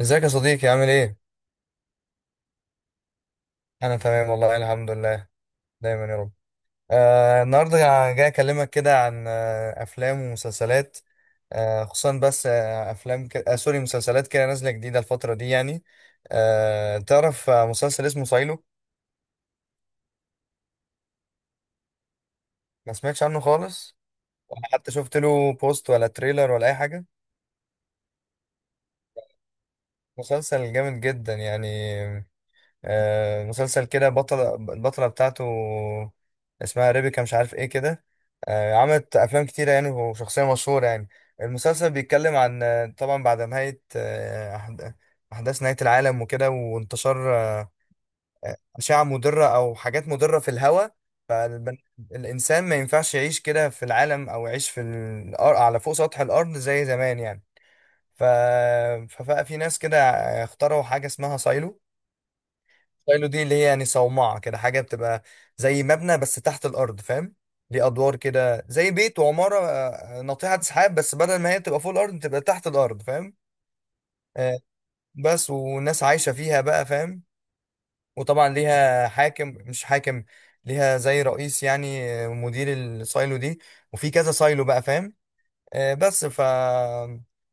ازيك يا صديقي عامل ايه؟ انا تمام والله الحمد لله. دايما يا رب. النهارده جاي اكلمك كده عن افلام ومسلسلات. خصوصا بس آه افلام ك... آه سوري مسلسلات كده نازله جديده الفتره دي يعني. تعرف مسلسل اسمه سايلو. ما سمعتش عنه خالص. ولا حتى شفت له بوست ولا تريلر ولا اي حاجه. مسلسل جامد جدا يعني. مسلسل كده البطلة بتاعته. اسمها ريبيكا مش عارف ايه كده. عملت أفلام كتيرة يعني وشخصية مشهورة يعني. المسلسل بيتكلم عن طبعا بعد نهاية أحداث نهاية العالم وكده وانتشار أشعة مضرة أو حاجات مضرة في الهواء. فالإنسان ما ينفعش يعيش كده في العالم أو يعيش في الأرض على فوق سطح الأرض زي زمان يعني. ف... فبقى في ناس كده اخترعوا حاجة اسمها سايلو. شايلو دي اللي هي يعني صومعة كده حاجة بتبقى زي مبنى بس تحت الأرض فاهم. ليه أدوار كده زي بيت وعمارة، ناطحة سحاب بس بدل ما هي تبقى فوق الأرض تبقى تحت الأرض فاهم. آه، بس والناس عايشة فيها بقى فاهم. وطبعا ليها حاكم مش حاكم، ليها زي رئيس يعني، مدير السايلو دي. وفي كذا سايلو بقى فاهم. بس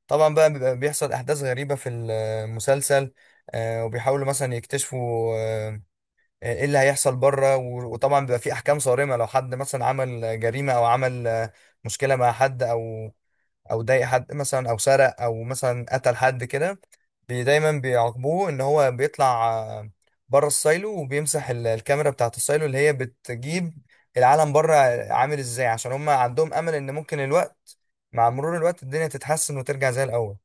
طبعا بقى بيبقى بيحصل أحداث غريبة في المسلسل. وبيحاولوا مثلا يكتشفوا ايه اللي هيحصل بره. و- وطبعا بيبقى في احكام صارمه لو حد مثلا عمل جريمه او عمل مشكله مع حد او ضايق حد مثلا او سرق او مثلا قتل حد كده. دايما بيعاقبوه ان هو بيطلع بره السايلو وبيمسح ال- الكاميرا بتاعه السايلو اللي هي بتجيب العالم بره عامل ازاي، عشان هم عندهم امل ان ممكن الوقت، مع مرور الوقت، الدنيا تتحسن وترجع زي الاول.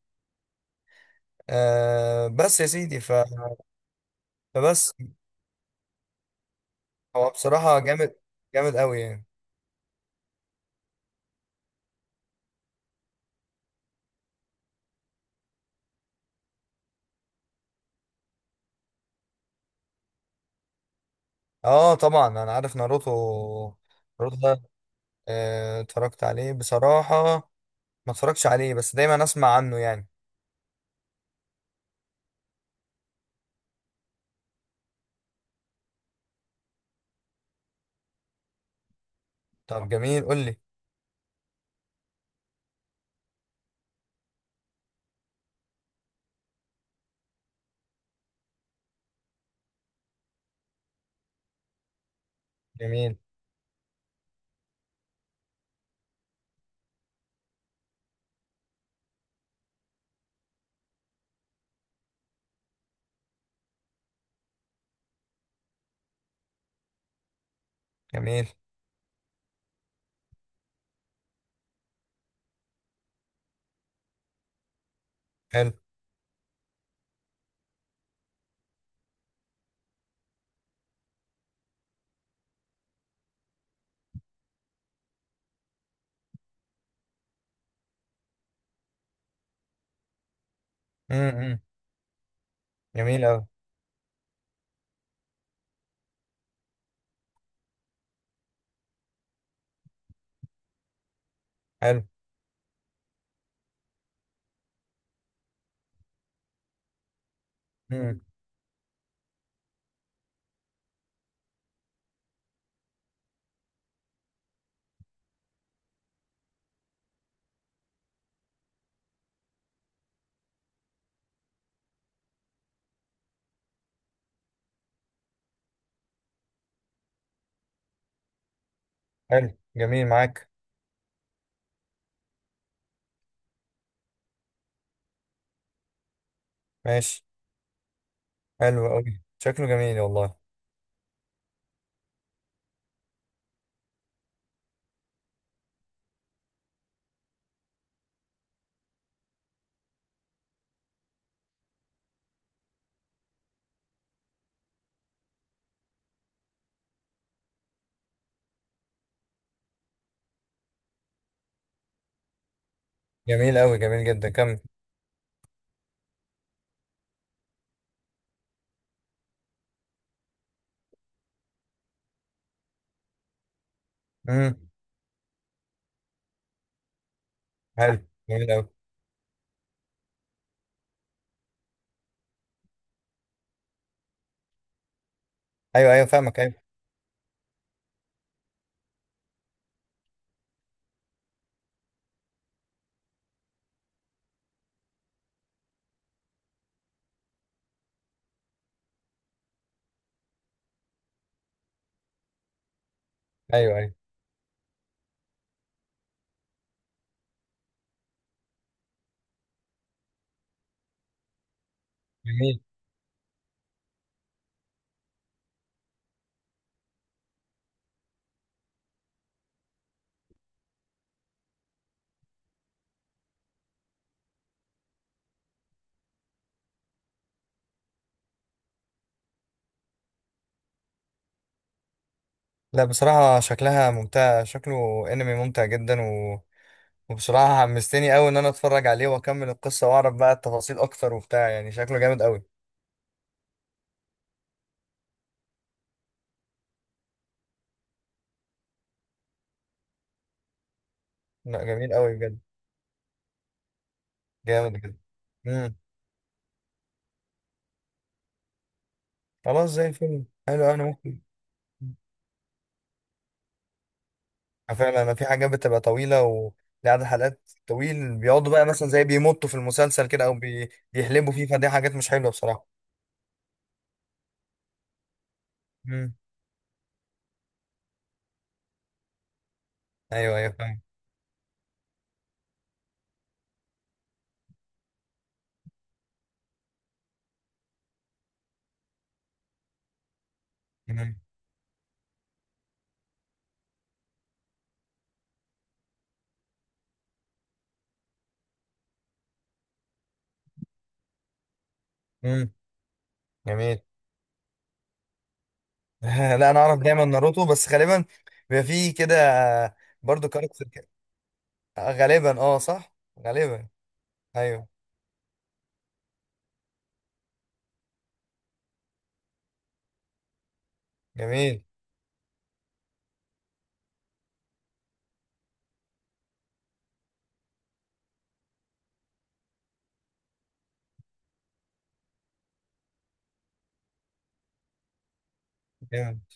بس يا سيدي فبس هو بصراحه جامد، جامد قوي يعني. اه طبعا انا عارف ناروتو. ناروتو ده اتفرجت عليه بصراحة، ما اتفرجتش عليه بس دايما اسمع عنه يعني. طب جميل قول لي. جميل، جميل، حلو. امم، إمم. جميل اوي. حلو. امم. حلو جميل معاك. ماشي. حلو اوي، شكله جميل والله. جميل اوي، جميل جدا، كمل. امم. حلو، جميل اوي. ايوه ايوه فاهمك، ايوه ايوه ايوه. جميل. لا بصراحة شكلها ممتع، شكله انمي ممتع جدا. وبصراحة حمستني قوي ان انا اتفرج عليه واكمل القصة واعرف بقى التفاصيل اكتر وبتاع، يعني شكله جامد قوي. لا جميل قوي بجد. جامد جدا. امم. خلاص زي الفيلم، حلو أوي، انا ممكن فعلا. انا في حاجات بتبقى طويلة ولعدد حلقات طويل، بيقعدوا بقى مثلا زي بيمطوا في المسلسل كده او بيحلبوا فيه، فدي حاجات مش حلوة بصراحة. امم. ايوه ايوه فاهم. امم. أمم. جميل. لا انا اعرف دايما ناروتو بس غالبا بيبقى فيه كده، برضو كاركتر كده. غالبا اه، صح. غالبا. ايوه. جميل. جامد.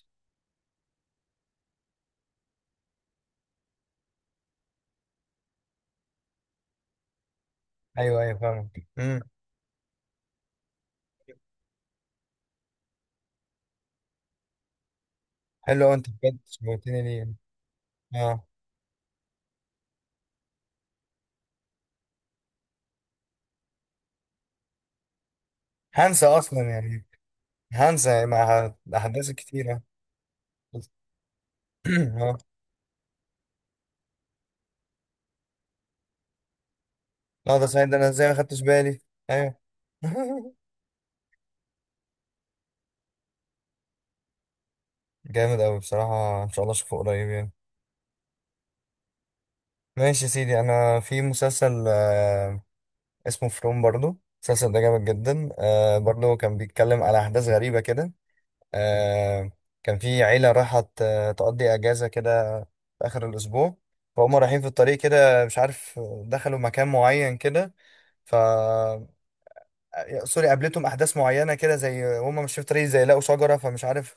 ايوه ايوه فاهمك. امم. حلو أوي، انت بجد شوقتني ليه يعني. اه. هنسى اصلا يعني، هنسى مع احداث كتيره. اه لا، ده سعيد ده، انا ازاي ما خدتش بالي. ايوه. جامد أوي بصراحة، إن شاء الله أشوفه قريب يعني. ماشي يا سيدي، أنا في مسلسل اسمه فروم. برضو المسلسل ده جامد جدا. برضو كان بيتكلم على أحداث غريبة كده. آه كان في عيلة راحت تقضي أجازة كده في آخر الأسبوع، فهم رايحين في الطريق كده مش عارف، دخلوا مكان معين كده. ف آه، سوري، قابلتهم أحداث معينة كده، زي هم مش في الطريق، زي لقوا شجرة فمش عارف،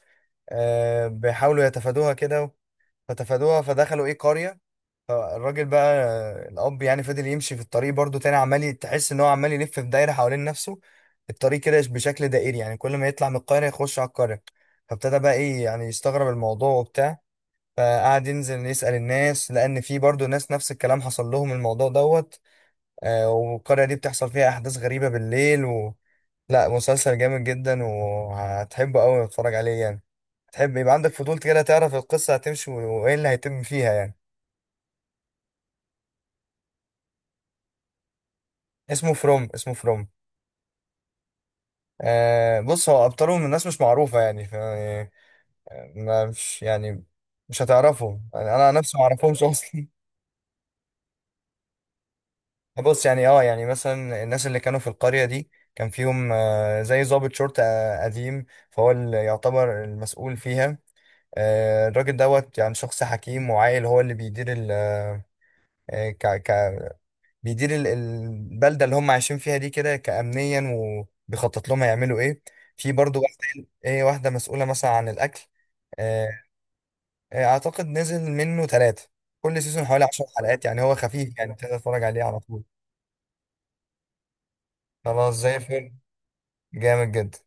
بيحاولوا يتفادوها كده. فتفادوها فدخلوا إيه قرية. الراجل بقى، الأب يعني، فضل يمشي في الطريق برضو تاني عمال تحس إن هو عمال يلف في دايرة حوالين نفسه، الطريق كده بشكل دائري، يعني كل ما يطلع من القرية يخش على القرية. فابتدى بقى إيه يعني يستغرب الموضوع وبتاع، فقعد ينزل يسأل الناس لأن في برضو ناس نفس الكلام حصل لهم الموضوع دوت. والقرية دي بتحصل فيها أحداث غريبة بالليل. لا مسلسل جامد جدا، وهتحبه أوي تتفرج عليه يعني، هتحب يبقى عندك فضول كده تعرف القصة هتمشي وإيه اللي هيتم فيها يعني. اسمه فروم، اسمه فروم. بص هو ابطالهم الناس مش معروفه يعني، يعني ما مش يعني، مش هتعرفه، يعني انا عن نفسي ما اعرفهمش اصلا. بص يعني يعني مثلا الناس اللي كانوا في القريه دي كان فيهم زي ضابط شرطه قديم، فهو اللي يعتبر المسؤول فيها. الراجل دوت يعني شخص حكيم وعاقل، هو اللي بيدير ال آه، ك ك بيدير ال- البلده اللي هم عايشين فيها دي كده كامنيا، وبيخطط لهم هيعملوا ايه. في برضو ايه واحده مسؤوله مثلا عن الاكل. آه، اعتقد نزل منه ثلاثة، كل سيزون حوالي 10 حلقات، يعني هو خفيف يعني تقدر تتفرج عليه على طول. خلاص زي الفل. جامد جدا.